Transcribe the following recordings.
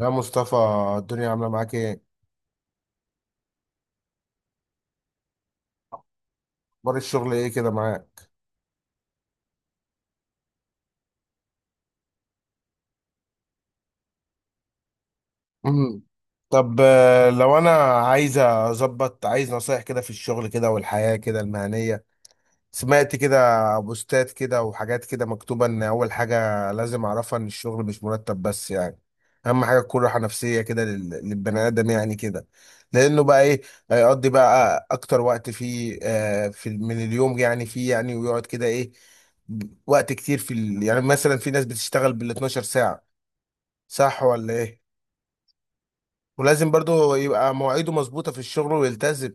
يا مصطفى، الدنيا عاملة معاك ايه؟ اخبار الشغل ايه كده معاك؟ مم. طب لو انا عايز اظبط، عايز نصايح كده في الشغل كده والحياة كده المهنية. سمعت كده بوستات كده وحاجات كده مكتوبة ان اول حاجة لازم اعرفها ان الشغل مش مرتب بس، يعني اهم حاجة تكون راحة نفسية كده للبني ادم يعني كده. لانه بقى ايه، هيقضي بقى اكتر وقت فيه في من اليوم، يعني فيه يعني ويقعد كده ايه وقت كتير يعني مثلا في ناس بتشتغل بال 12 ساعة، صح ولا ايه؟ ولازم برضو يبقى مواعيده مظبوطة في الشغل ويلتزم،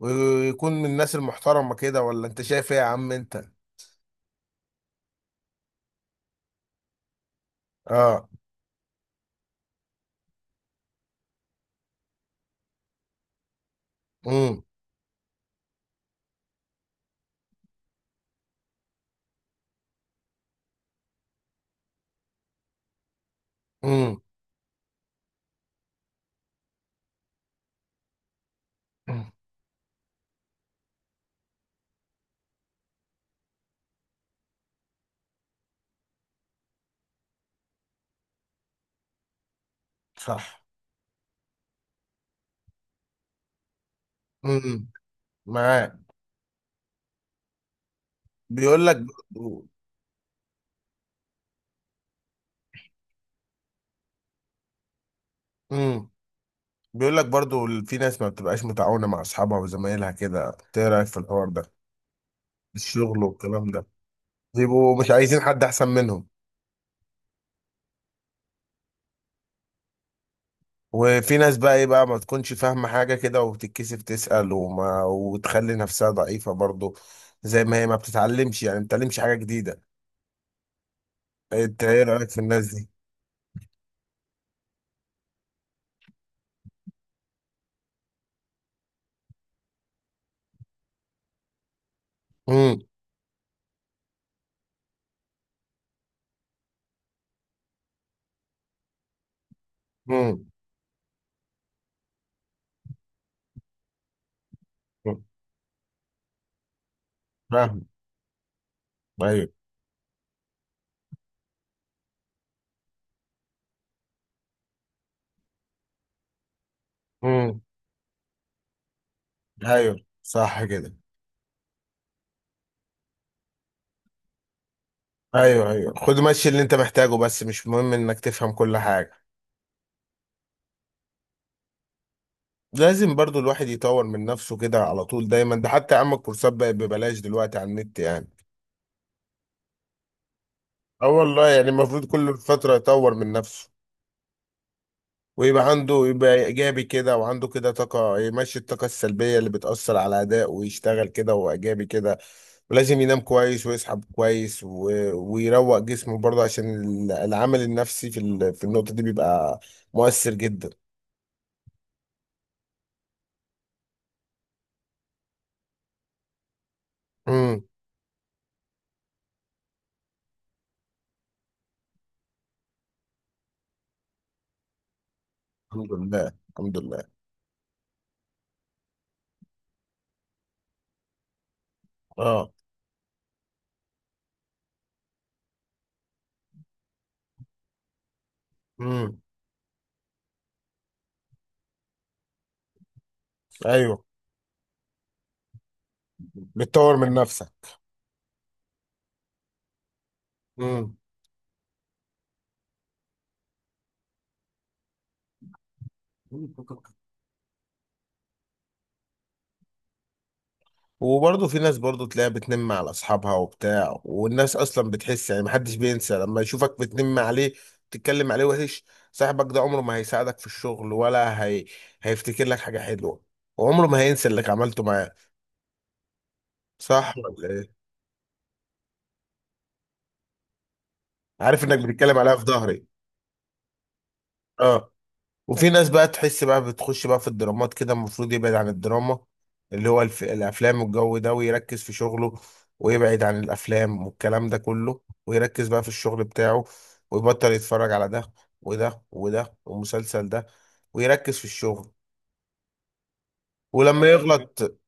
ويكون من الناس المحترمة كده، ولا انت شايف ايه يا عم انت؟ اه. امم. امم، صح. امم. معاك. بيقول لك برضو. امم. بيقول لك برضو في ناس ما بتبقاش متعاونة مع اصحابها وزمايلها كده، إنت ايه رأيك في الحوار ده؟ الشغل والكلام ده بيبقوا مش عايزين حد احسن منهم. وفي ناس بقى ايه بقى، ما تكونش فاهمة حاجة كده وبتتكسف تسأل، وتخلي نفسها ضعيفة برضو، زي ما هي ما بتتعلمش، يعني ما بتتعلمش حاجة جديدة. انت ايه رأيك في الناس دي؟ امم. امم. امم، فاهم. ايوه. امم. ايوه صح كده. ايوه ايوه، خد ماشي اللي انت محتاجه، بس مش مهم انك تفهم كل حاجه. لازم برضو الواحد يطور من نفسه كده على طول دايما. ده حتى يا عم الكورسات بقت ببلاش دلوقتي على النت يعني. اه والله، يعني المفروض كل فتره يطور من نفسه، ويبقى عنده، يبقى ايجابي كده وعنده كده طاقه يمشي الطاقه السلبيه اللي بتاثر على اداء، ويشتغل كده وايجابي كده. ولازم ينام كويس ويصحى كويس، ويروق جسمه برضه، عشان العامل النفسي في النقطه دي بيبقى مؤثر جدا. الحمد لله الحمد لله. اه. امم. ايوه بتطور من نفسك. امم. وبرضه في ناس برضه تلاقيها بتنم على اصحابها وبتاع، والناس اصلا بتحس، يعني محدش بينسى لما يشوفك بتنم عليه، تتكلم عليه وحش. صاحبك ده عمره ما هيساعدك في الشغل هيفتكر لك حاجه حلوه، وعمره ما هينسى اللي عملته معاه، صح ولا ايه؟ عارف انك بتتكلم عليها في ظهري. اه. وفي ناس بقى تحس بقى بتخش بقى في الدرامات كده، المفروض يبعد عن الدراما، اللي هو الافلام والجو ده، ويركز في شغله، ويبعد عن الافلام والكلام ده كله، ويركز بقى في الشغل بتاعه، ويبطل يتفرج على ده وده وده والمسلسل ده، ويركز في الشغل. ولما يغلط،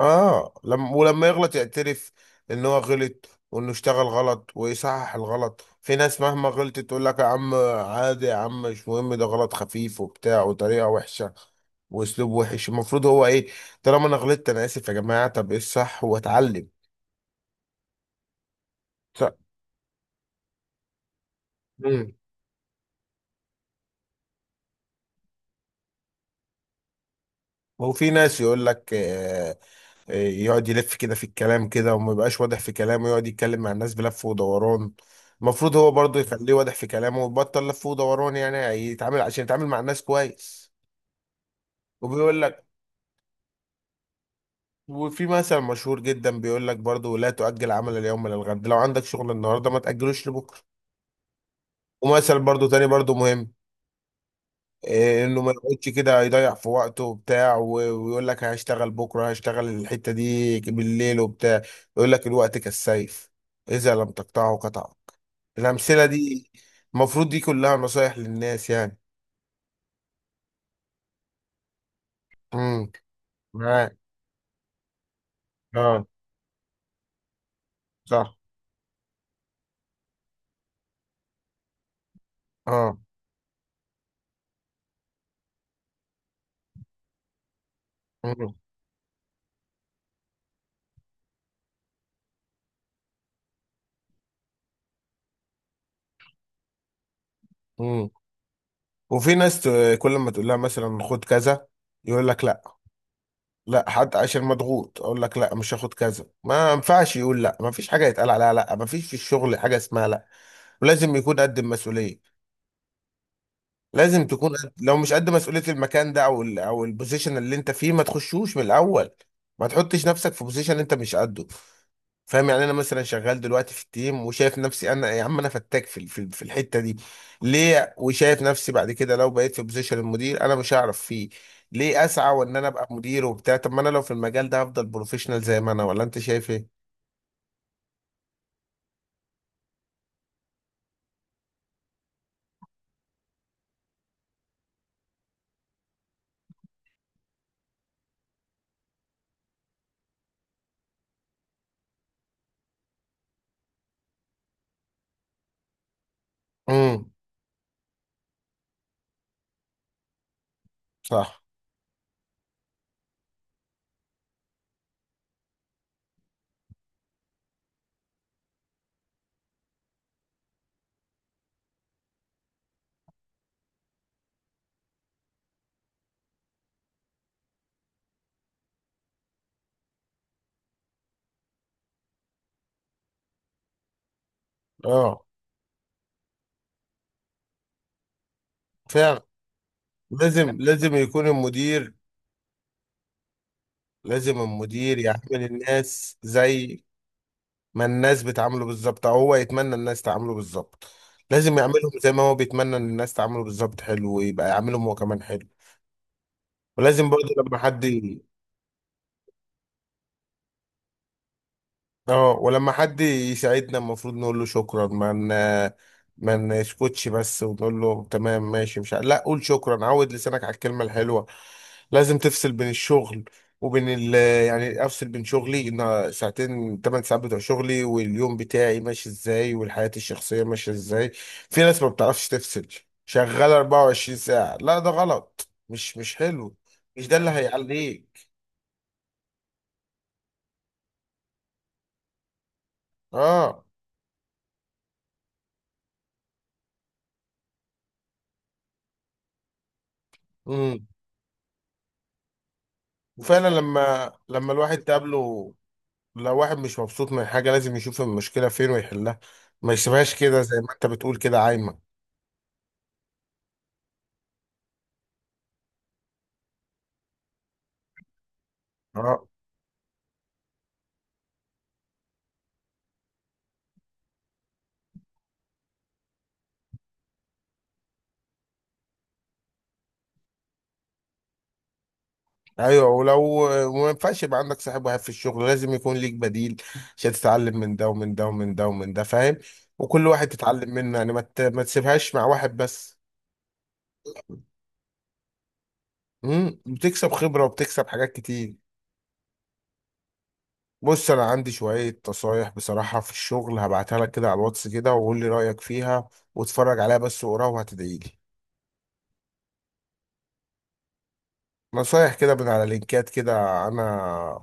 اه، لما يغلط يعترف ان هو غلط، وانه اشتغل غلط ويصحح الغلط. في ناس مهما غلطت تقول لك يا عم، عادي يا عم، مش مهم، ده غلط خفيف وبتاع. وطريقة وحشة واسلوب وحش. المفروض هو ايه؟ طالما انا غلطت، انا اسف يا جماعه، طب ايه الصح، واتعلم. صح. مم. وفي ناس يقول لك يقعد يلف كده في الكلام كده، وما يبقاش واضح في كلامه، يقعد يتكلم مع الناس بلف ودوران. المفروض هو برضه يخليه واضح في كلامه، ويبطل لف ودوران، يعني عشان يتعامل مع الناس كويس. وبيقول لك، وفي مثل مشهور جدا بيقول لك برضه، لا تؤجل عمل اليوم للغد. لو عندك شغل النهارده ما تأجلوش لبكره. ومثل برضه تاني برضه مهم، إيه انه ما يقعدش كده يضيع في وقته وبتاع ويقول لك هشتغل بكره، هشتغل الحته دي بالليل وبتاع. يقول لك الوقت كالسيف، اذا لم تقطعه قطعك. الامثله دي المفروض دي كلها نصايح للناس يعني. امم. معاك. اه. صح. اه. امم. امم. وفي ناس كل ما تقول لها مثلا خد كذا، يقول لك لا. لا، حتى عشان مضغوط اقول لك لا، مش هاخد كذا. ما ينفعش يقول لا، ما فيش حاجه يتقال عليها لا، ما فيش في الشغل حاجه اسمها لا. ولازم يكون قد المسؤوليه. لازم تكون لو مش قد مسؤوليه المكان ده او البوزيشن اللي انت فيه، ما تخشوش من الاول. ما تحطش نفسك في بوزيشن انت مش قده. فاهم يعني، انا مثلا شغال دلوقتي في التيم وشايف نفسي، انا يا عم انا فتاك في الحته دي، ليه؟ وشايف نفسي بعد كده لو بقيت في بوزيشن المدير انا مش هعرف فيه، ليه اسعى وان انا ابقى مدير وبتاع؟ طب ما انا لو في المجال ده هفضل بروفيشنال زي ما انا، ولا انت شايف ايه؟ امم. صح. اه. فعلا. لازم يكون المدير، لازم المدير يعامل الناس زي ما الناس بتعامله بالظبط، او هو يتمنى الناس تعامله بالظبط. لازم يعملهم زي ما هو بيتمنى ان الناس تعامله بالظبط حلو، ويبقى يعاملهم هو كمان حلو. ولازم برضه لما حد. اه. ولما حد يساعدنا المفروض نقول له شكرا. ما نسكتش بس ونقول له تمام ماشي، مش ع... لا، قول شكرا، عود لسانك على الكلمة الحلوة. لازم تفصل بين الشغل وبين ال... يعني افصل بين شغلي، ان 8 ساعات بتوع شغلي واليوم بتاعي ماشي ازاي، والحياة الشخصية ماشية ازاي. في ناس ما بتعرفش تفصل، شغالة 24 ساعة. لا ده غلط، مش حلو. مش ده اللي هيعليك. اه. امم. وفعلا لما الواحد تقابله، لو واحد مش مبسوط من حاجة لازم يشوف المشكلة فين ويحلها، ما يسيبهاش كده زي ما انت بتقول كده عايمة. اه. ايوه. ولو، وما ينفعش يبقى عندك صاحب واحد في الشغل، لازم يكون ليك بديل، عشان تتعلم من ده ومن ده ومن ده ومن ده، فاهم؟ وكل واحد تتعلم منه يعني، ما تسيبهاش مع واحد بس. امم. بتكسب خبرة وبتكسب حاجات كتير. بص، انا عندي شوية نصايح بصراحة في الشغل، هبعتها لك كده على الواتس كده، وقول لي رأيك فيها، واتفرج عليها بس وقراها، وهتدعي لي. نصايح كده من على لينكات كده، انا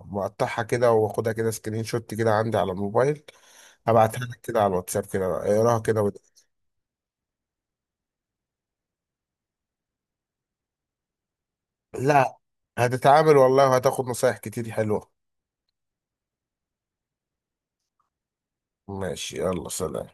مقطعها كده، واخدها كده سكرين شوت كده عندي على الموبايل، هبعتها لك كده على الواتساب كده، اقراها كده لا هتتعامل والله، وهتاخد نصايح كتير حلوة. ماشي، يلا سلام.